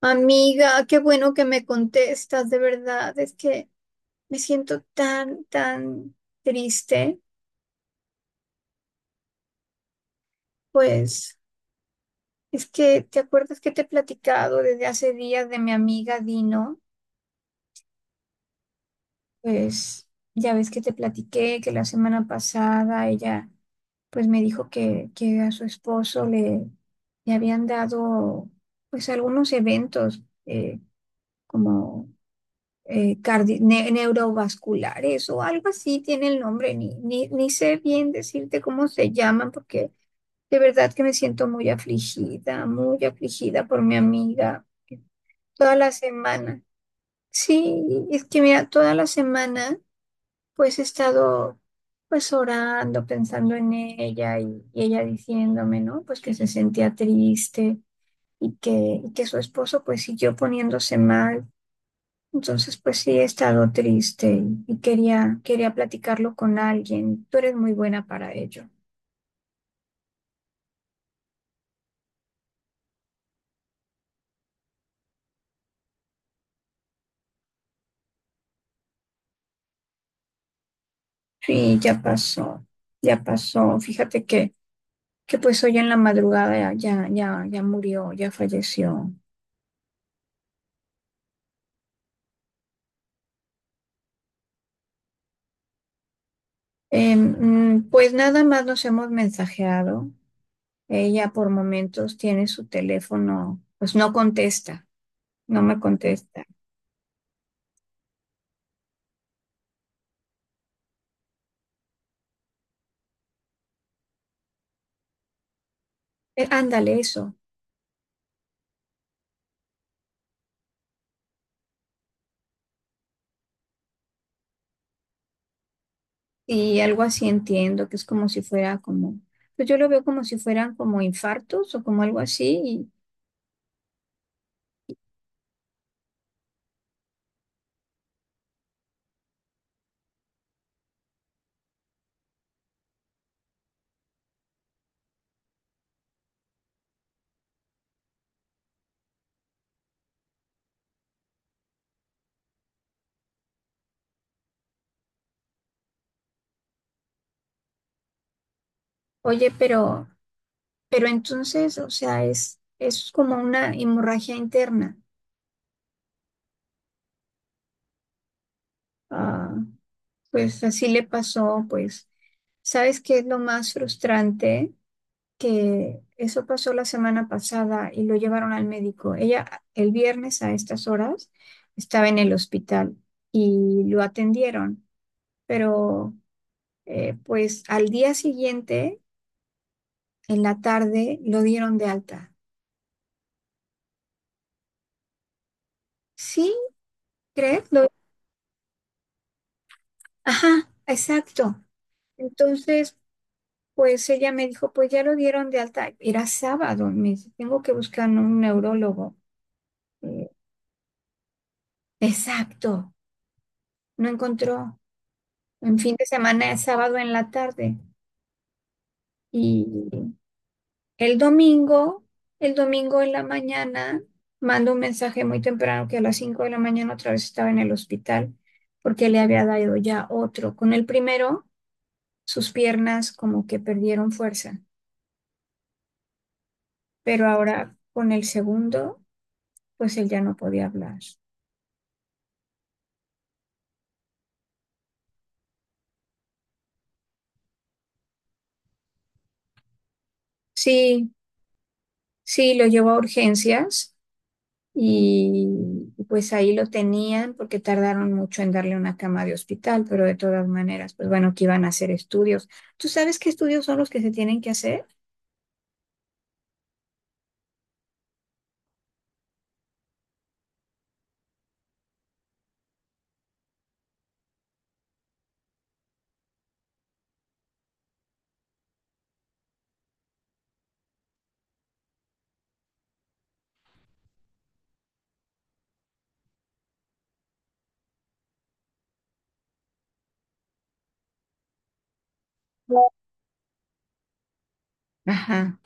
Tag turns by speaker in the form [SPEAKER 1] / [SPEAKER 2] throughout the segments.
[SPEAKER 1] Amiga, qué bueno que me contestas, de verdad, es que me siento tan, tan triste, pues es que te acuerdas que te he platicado desde hace días de mi amiga Dino, pues ya ves que te platiqué que la semana pasada ella pues me dijo que a su esposo le habían dado pues algunos eventos eh, como cardi- ne- neurovasculares o algo así tiene el nombre, ni sé bien decirte cómo se llaman, porque de verdad que me siento muy afligida por mi amiga toda la semana. Sí, es que mira, toda la semana pues he estado pues orando, pensando en ella y ella diciéndome, ¿no? Pues que se sentía triste y que, y que su esposo pues siguió poniéndose mal entonces, pues sí, he estado triste y quería platicarlo con alguien. Tú eres muy buena para ello. Sí, ya pasó, ya pasó. Fíjate que pues hoy en la madrugada ya murió, ya falleció. Pues nada más nos hemos mensajeado. Ella por momentos tiene su teléfono, pues no contesta, no me contesta. Ándale, eso. Y algo así entiendo, que es como si fuera como, pues yo lo veo como si fueran como infartos o como algo así. Y oye, pero entonces, o sea, es como una hemorragia interna. Ah, pues así le pasó, pues, ¿sabes qué es lo más frustrante? Que eso pasó la semana pasada y lo llevaron al médico. Ella el viernes a estas horas estaba en el hospital y lo atendieron, pero pues al día siguiente, en la tarde, lo dieron de alta. ¿Sí? ¿Crees? Lo- Ajá, exacto. Entonces, pues ella me dijo, pues ya lo dieron de alta. Era sábado, me dice, tengo que buscar un neurólogo. Eh, exacto, no encontró. En fin de semana, es sábado en la tarde. Y el domingo, el domingo en la mañana, mando un mensaje muy temprano que a las 5 de la mañana otra vez estaba en el hospital porque le había dado ya otro. Con el primero, sus piernas como que perdieron fuerza, pero ahora con el segundo, pues él ya no podía hablar. Sí, sí, lo llevó a urgencias. Y pues ahí lo tenían porque tardaron mucho en darle una cama de hospital, pero de todas maneras, pues bueno, que iban a hacer estudios. ¿Tú sabes qué estudios son los que se tienen que hacer? No. Ajá,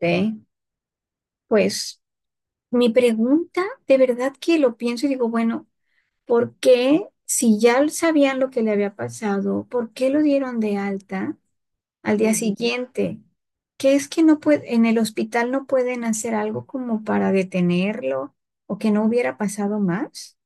[SPEAKER 1] ¿ve? Pues mi pregunta, de verdad que lo pienso y digo, bueno, ¿por qué si ya sabían lo que le había pasado, por qué lo dieron de alta al día siguiente? ¿Qué es que no puede, en el hospital no pueden hacer algo como para detenerlo o que no hubiera pasado más?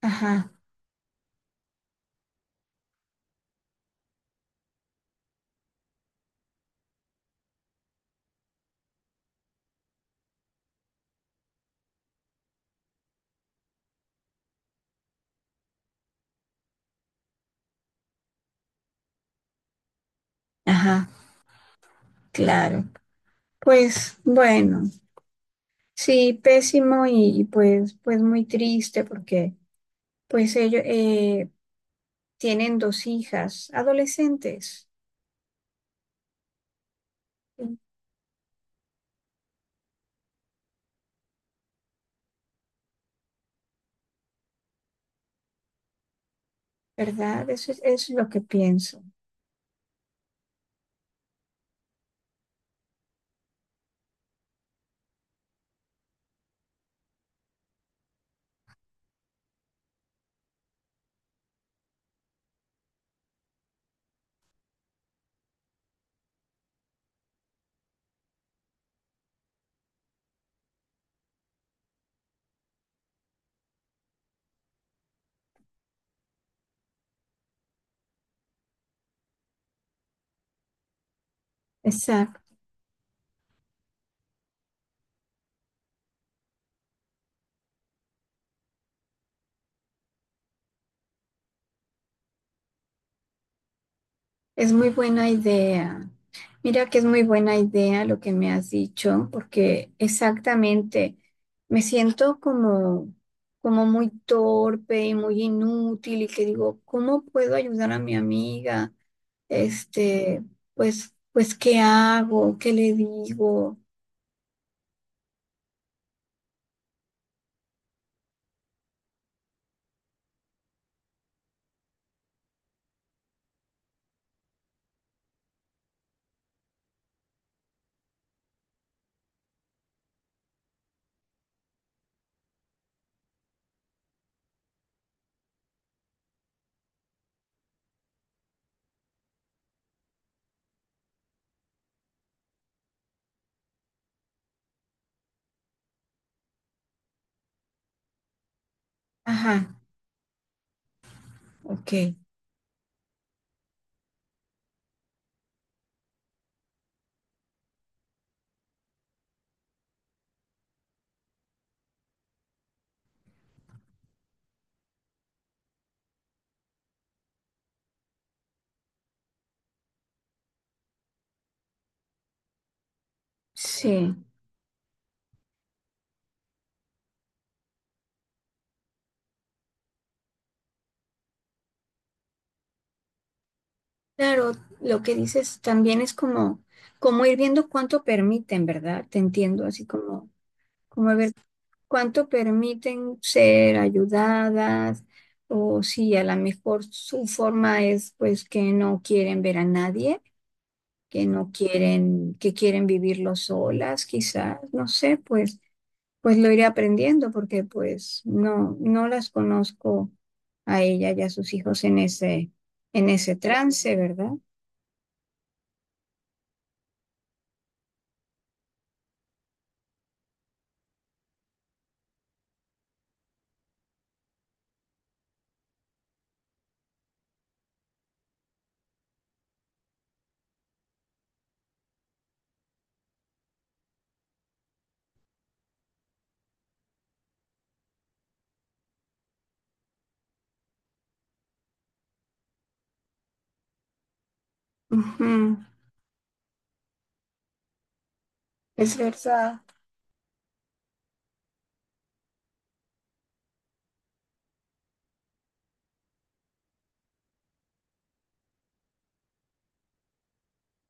[SPEAKER 1] Ajá, ajá, claro. Pues bueno, sí, pésimo y pues, pues muy triste porque pues ellos tienen dos hijas adolescentes, ¿verdad? Eso es lo que pienso. Exacto, es muy buena idea. Mira que es muy buena idea lo que me has dicho porque exactamente me siento como, como muy torpe y muy inútil y que digo, ¿cómo puedo ayudar a mi amiga? Este, pues, pues, ¿qué hago? ¿Qué le digo? Ajá, ok, sí. Claro, lo que dices también es como, como ir viendo cuánto permiten, ¿verdad? Te entiendo, así como, como ver cuánto permiten ser ayudadas, o si a lo mejor su forma es pues que no quieren ver a nadie, que no quieren, que quieren vivirlo solas, quizás, no sé, pues. Pues lo iré aprendiendo porque pues no, no las conozco a ella y a sus hijos en ese trance, ¿verdad? Ujú, es verdad.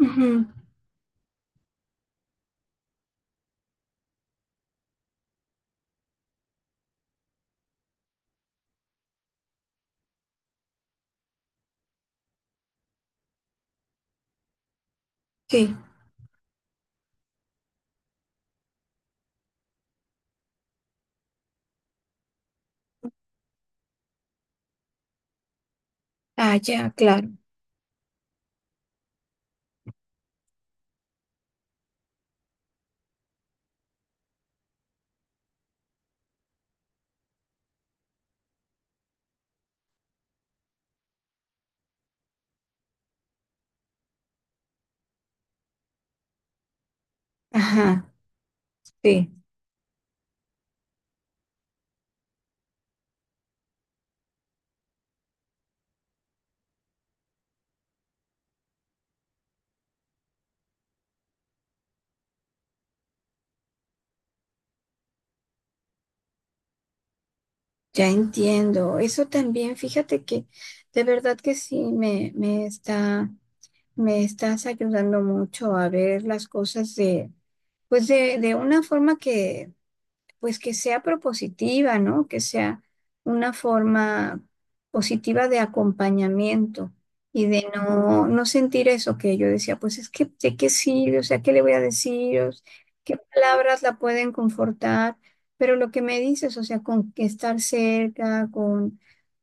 [SPEAKER 1] Ujú, sí. Ah, ya, claro. Ajá, sí, ya entiendo. Eso también, fíjate que de verdad que sí me está, me estás ayudando mucho a ver las cosas de, pues de una forma que pues que sea propositiva, ¿no? Que sea una forma positiva de acompañamiento y de no, no sentir eso que yo decía, pues es que de qué sirve, o sea, ¿qué le voy a decir? O s- ¿qué palabras la pueden confortar? Pero lo que me dices, o sea, con que estar cerca,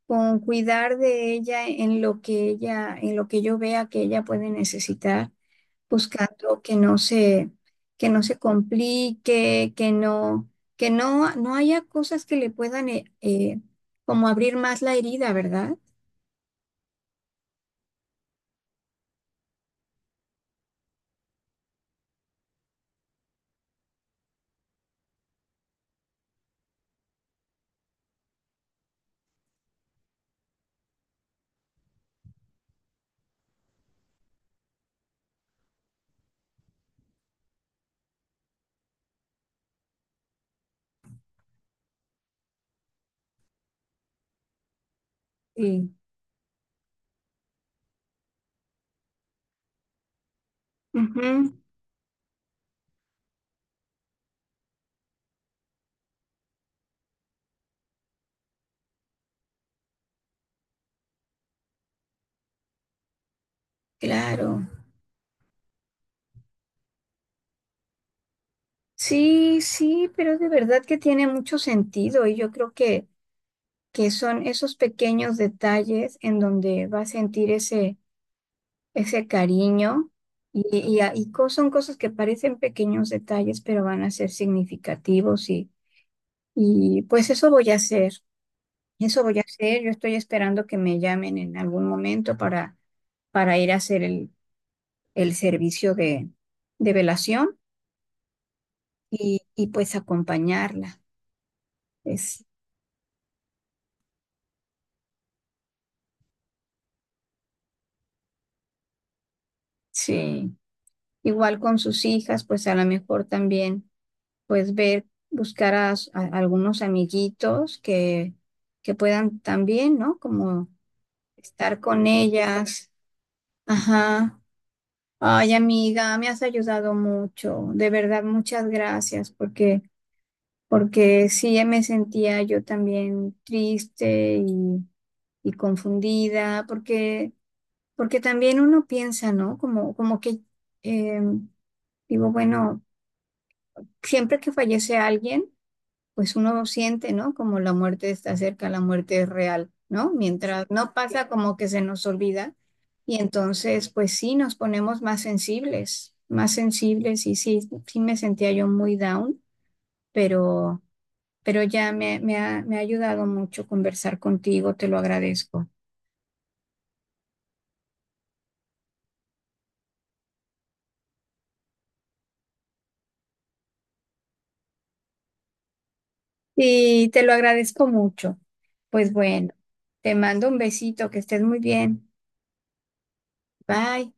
[SPEAKER 1] con cuidar de ella en lo que ella, en lo que yo vea que ella puede necesitar buscando que no se complique, que no, no haya cosas que le puedan como abrir más la herida, ¿verdad? Sí. Ujú, claro. Sí, sí, pero de verdad que tiene mucho sentido y yo creo que son esos pequeños detalles en donde va a sentir ese, ese cariño y son cosas que parecen pequeños detalles, pero van a ser significativos y pues eso voy a hacer. Eso voy a hacer. Yo estoy esperando que me llamen en algún momento para ir a hacer el servicio de velación y pues acompañarla. Es, sí. Igual con sus hijas, pues a lo mejor también pues ver, buscar a, s- a algunos amiguitos que puedan también, ¿no? Como estar con ellas. Ajá. Ay, amiga, me has ayudado mucho. De verdad, muchas gracias porque... porque sí me sentía yo también triste y confundida, porque, porque también uno piensa, ¿no? Como, como que eh, digo, bueno, siempre que fallece alguien, pues uno siente, ¿no? Como la muerte está cerca, la muerte es real, ¿no? Mientras no pasa, como que se nos olvida. Y entonces, pues sí, nos ponemos más sensibles y sí, sí me sentía yo muy down, pero... pero ya me, me ha ayudado mucho conversar contigo, te lo agradezco. Sí, te lo agradezco mucho. Pues bueno, te mando un besito, que estés muy bien. Bye.